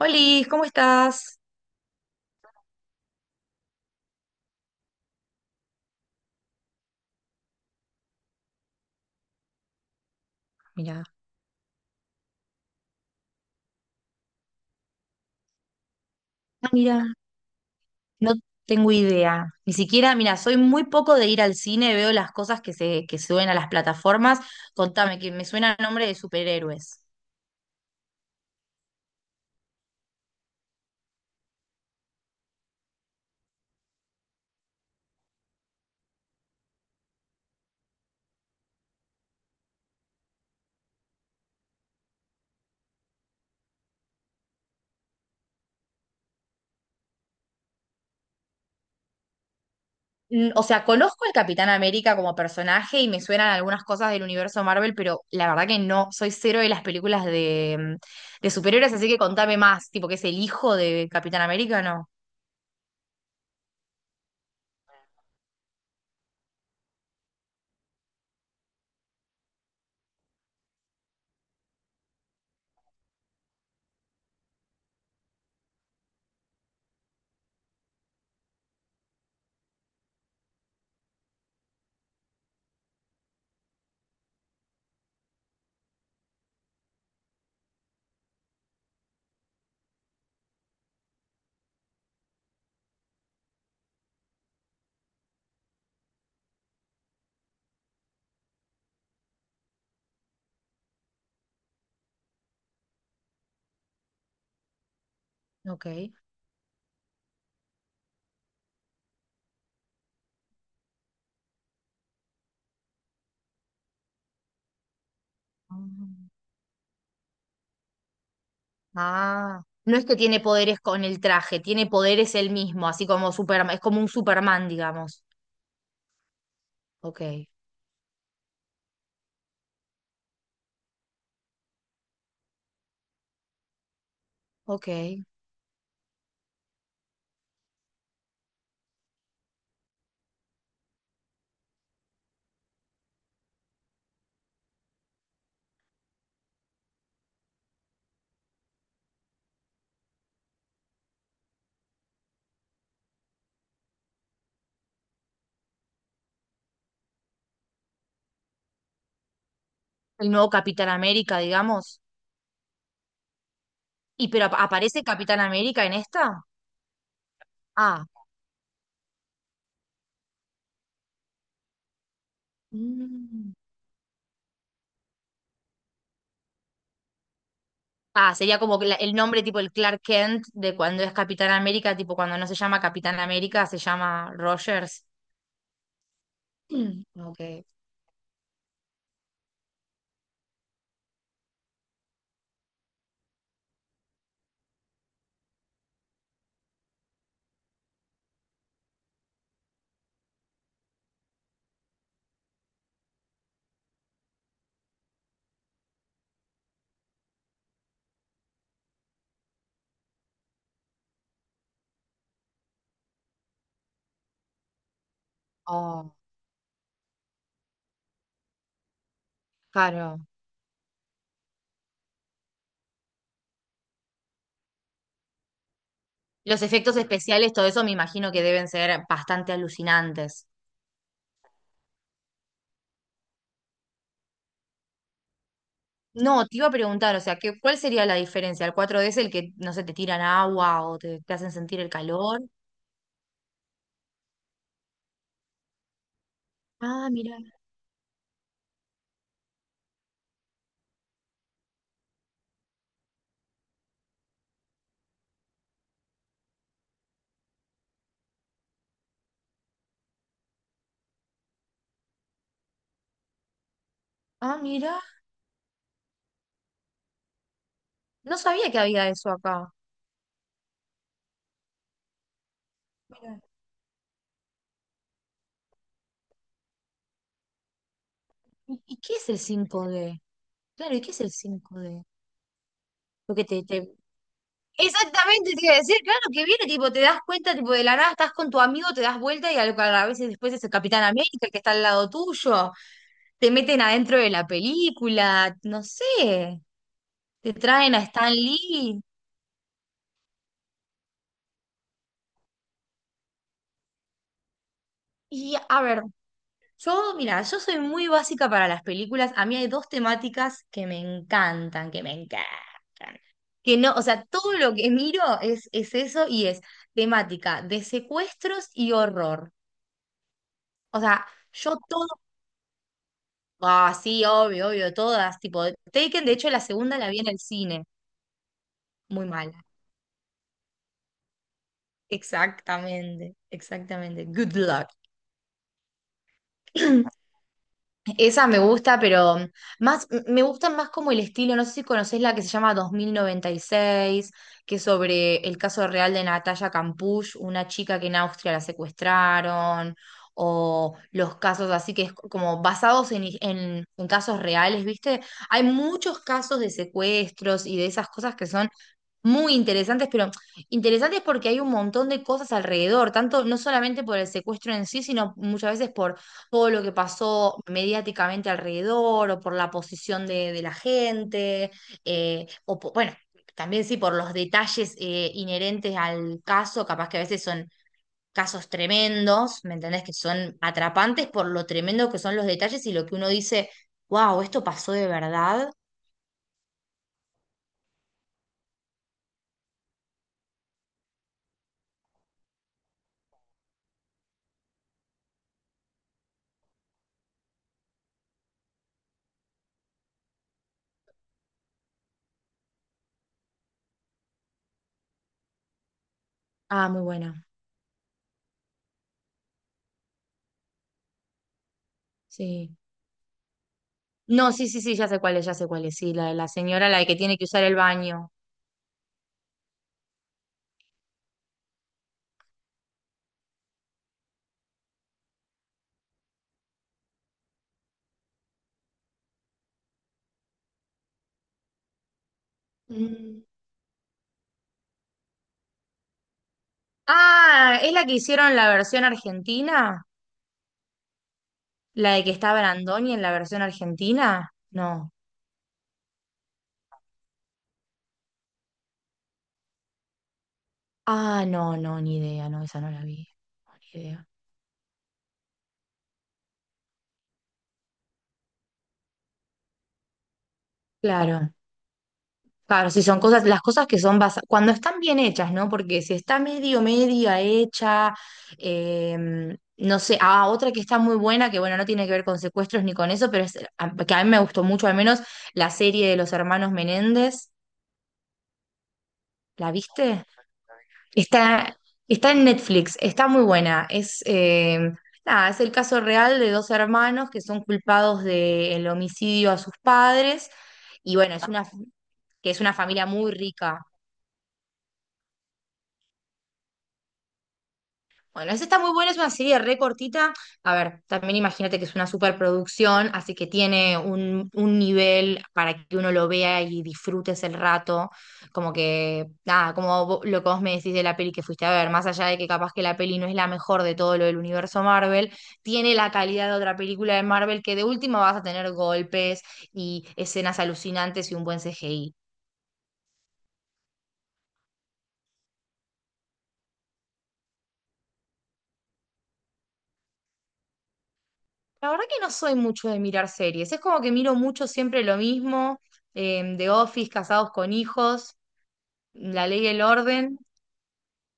Holis, ¿cómo estás? Mira. Ah, mira, no tengo idea. Ni siquiera, mira, soy muy poco de ir al cine, veo las cosas que suben a las plataformas. Contame, que me suena el nombre de superhéroes. Mm, o sea, conozco al Capitán América como personaje y me suenan algunas cosas del universo Marvel, pero la verdad que no, soy cero de las películas de superhéroes, así que contame más, tipo que es el hijo de Capitán América, ¿no? Ok. Ah, no es que tiene poderes con el traje, tiene poderes él mismo, así como Superman, es como un Superman, digamos. Ok, ok. El nuevo Capitán América, digamos. ¿Y pero aparece Capitán América en esta? Ah. Mm. Ah, sería como que el nombre tipo el Clark Kent de cuando es Capitán América, tipo cuando no se llama Capitán América, se llama Rogers. Mm. Ok. Oh, claro. Los efectos especiales, todo eso me imagino que deben ser bastante alucinantes. No, te iba a preguntar, o sea, ¿qué, cuál sería la diferencia? ¿El cuatro 4D es el que, no sé, te tiran agua o te hacen sentir el calor? Ah, mira. Ah, mira. No sabía que había eso acá. Mira. Y qué es el 5D? Claro, ¿y qué es el 5D? Porque te, te. Exactamente, te iba a decir, claro, que viene, tipo, te das cuenta, tipo, de la nada estás con tu amigo, te das vuelta y a veces después es el Capitán América el que está al lado tuyo. Te meten adentro de la película, no sé. Te traen a Stan Lee. Y a ver, yo, mira, yo soy muy básica para las películas. A mí hay dos temáticas que me encantan, que me encantan. Que no, o sea, todo lo que miro es eso y es temática de secuestros y horror. O sea, yo todo. Ah, sí, obvio, obvio, todas. Tipo, Taken, de hecho, la segunda la vi en el cine. Muy mala. Exactamente, exactamente. Good luck. Esa me gusta, pero más, me gusta más como el estilo, no sé si conocés la que se llama 2096, que es sobre el caso real de Natalia Campuch, una chica que en Austria la secuestraron, o los casos así que es como basados en casos reales, ¿viste? Hay muchos casos de secuestros y de esas cosas que son muy interesantes, pero interesantes porque hay un montón de cosas alrededor, tanto no solamente por el secuestro en sí, sino muchas veces por todo lo que pasó mediáticamente alrededor o por la posición de la gente, o bueno, también sí por los detalles inherentes al caso, capaz que a veces son casos tremendos, ¿me entendés? Que son atrapantes por lo tremendo que son los detalles y lo que uno dice, wow, esto pasó de verdad. Ah, muy bueno, sí. No, sí, sí, sí, ya sé cuál es, ya sé cuál es. Sí, la de la señora, la de que tiene que usar el baño. Mm. Ah, ¿es la que hicieron la versión argentina? ¿La de que está Brandoni en la versión argentina? No. Ah, no, no, ni idea, no, esa no la vi. No, ni idea. Claro. Claro, si son cosas, las cosas que son basadas, cuando están bien hechas, ¿no? Porque si está medio, media hecha, no sé, ah, otra que está muy buena, que bueno, no tiene que ver con secuestros ni con eso, pero es, que a mí me gustó mucho, al menos la serie de los hermanos Menéndez, ¿la viste? Está, está en Netflix, está muy buena, es, nada, es el caso real de dos hermanos que son culpados del homicidio a sus padres, y bueno, es una, que es una familia muy rica. Bueno, esa está muy buena, es una serie re cortita. A ver, también imagínate que es una superproducción, así que tiene un nivel para que uno lo vea y disfrutes el rato. Como que, nada, como lo que vos me decís de la peli que fuiste a ver, más allá de que capaz que la peli no es la mejor de todo lo del universo Marvel, tiene la calidad de otra película de Marvel que de última vas a tener golpes y escenas alucinantes y un buen CGI. La verdad que no soy mucho de mirar series. Es como que miro mucho siempre lo mismo. The Office, Casados con Hijos, La Ley y el Orden.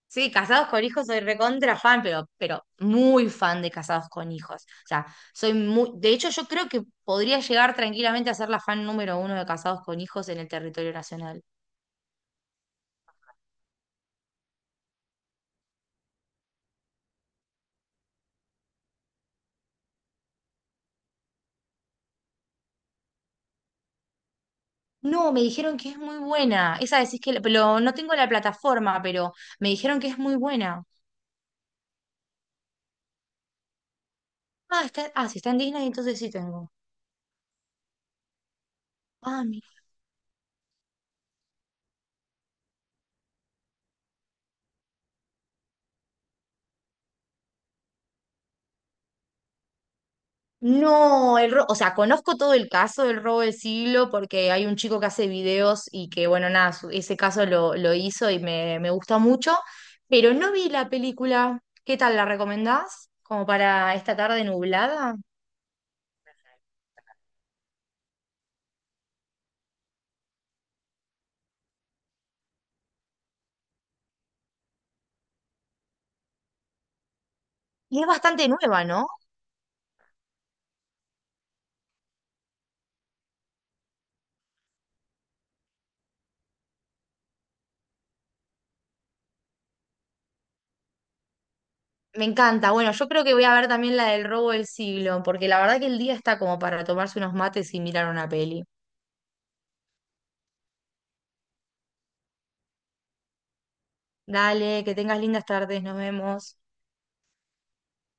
Sí, Casados con Hijos soy recontra fan, pero muy fan de Casados con Hijos. O sea, soy muy. De hecho, yo creo que podría llegar tranquilamente a ser la fan número uno de Casados con Hijos en el territorio nacional. No, me dijeron que es muy buena. Esa decís que. Pero no tengo la plataforma, pero me dijeron que es muy buena. Ah, está, ah, si está en Disney, entonces sí tengo. Ah, no, o sea, conozco todo el caso del robo del siglo porque hay un chico que hace videos y que, bueno, nada, ese caso lo hizo y me gustó mucho, pero no vi la película. ¿Qué tal la recomendás? Como para esta tarde nublada. Y es bastante nueva, ¿no? Me encanta. Bueno, yo creo que voy a ver también la del robo del siglo, porque la verdad que el día está como para tomarse unos mates y mirar una peli. Dale, que tengas lindas tardes, nos vemos.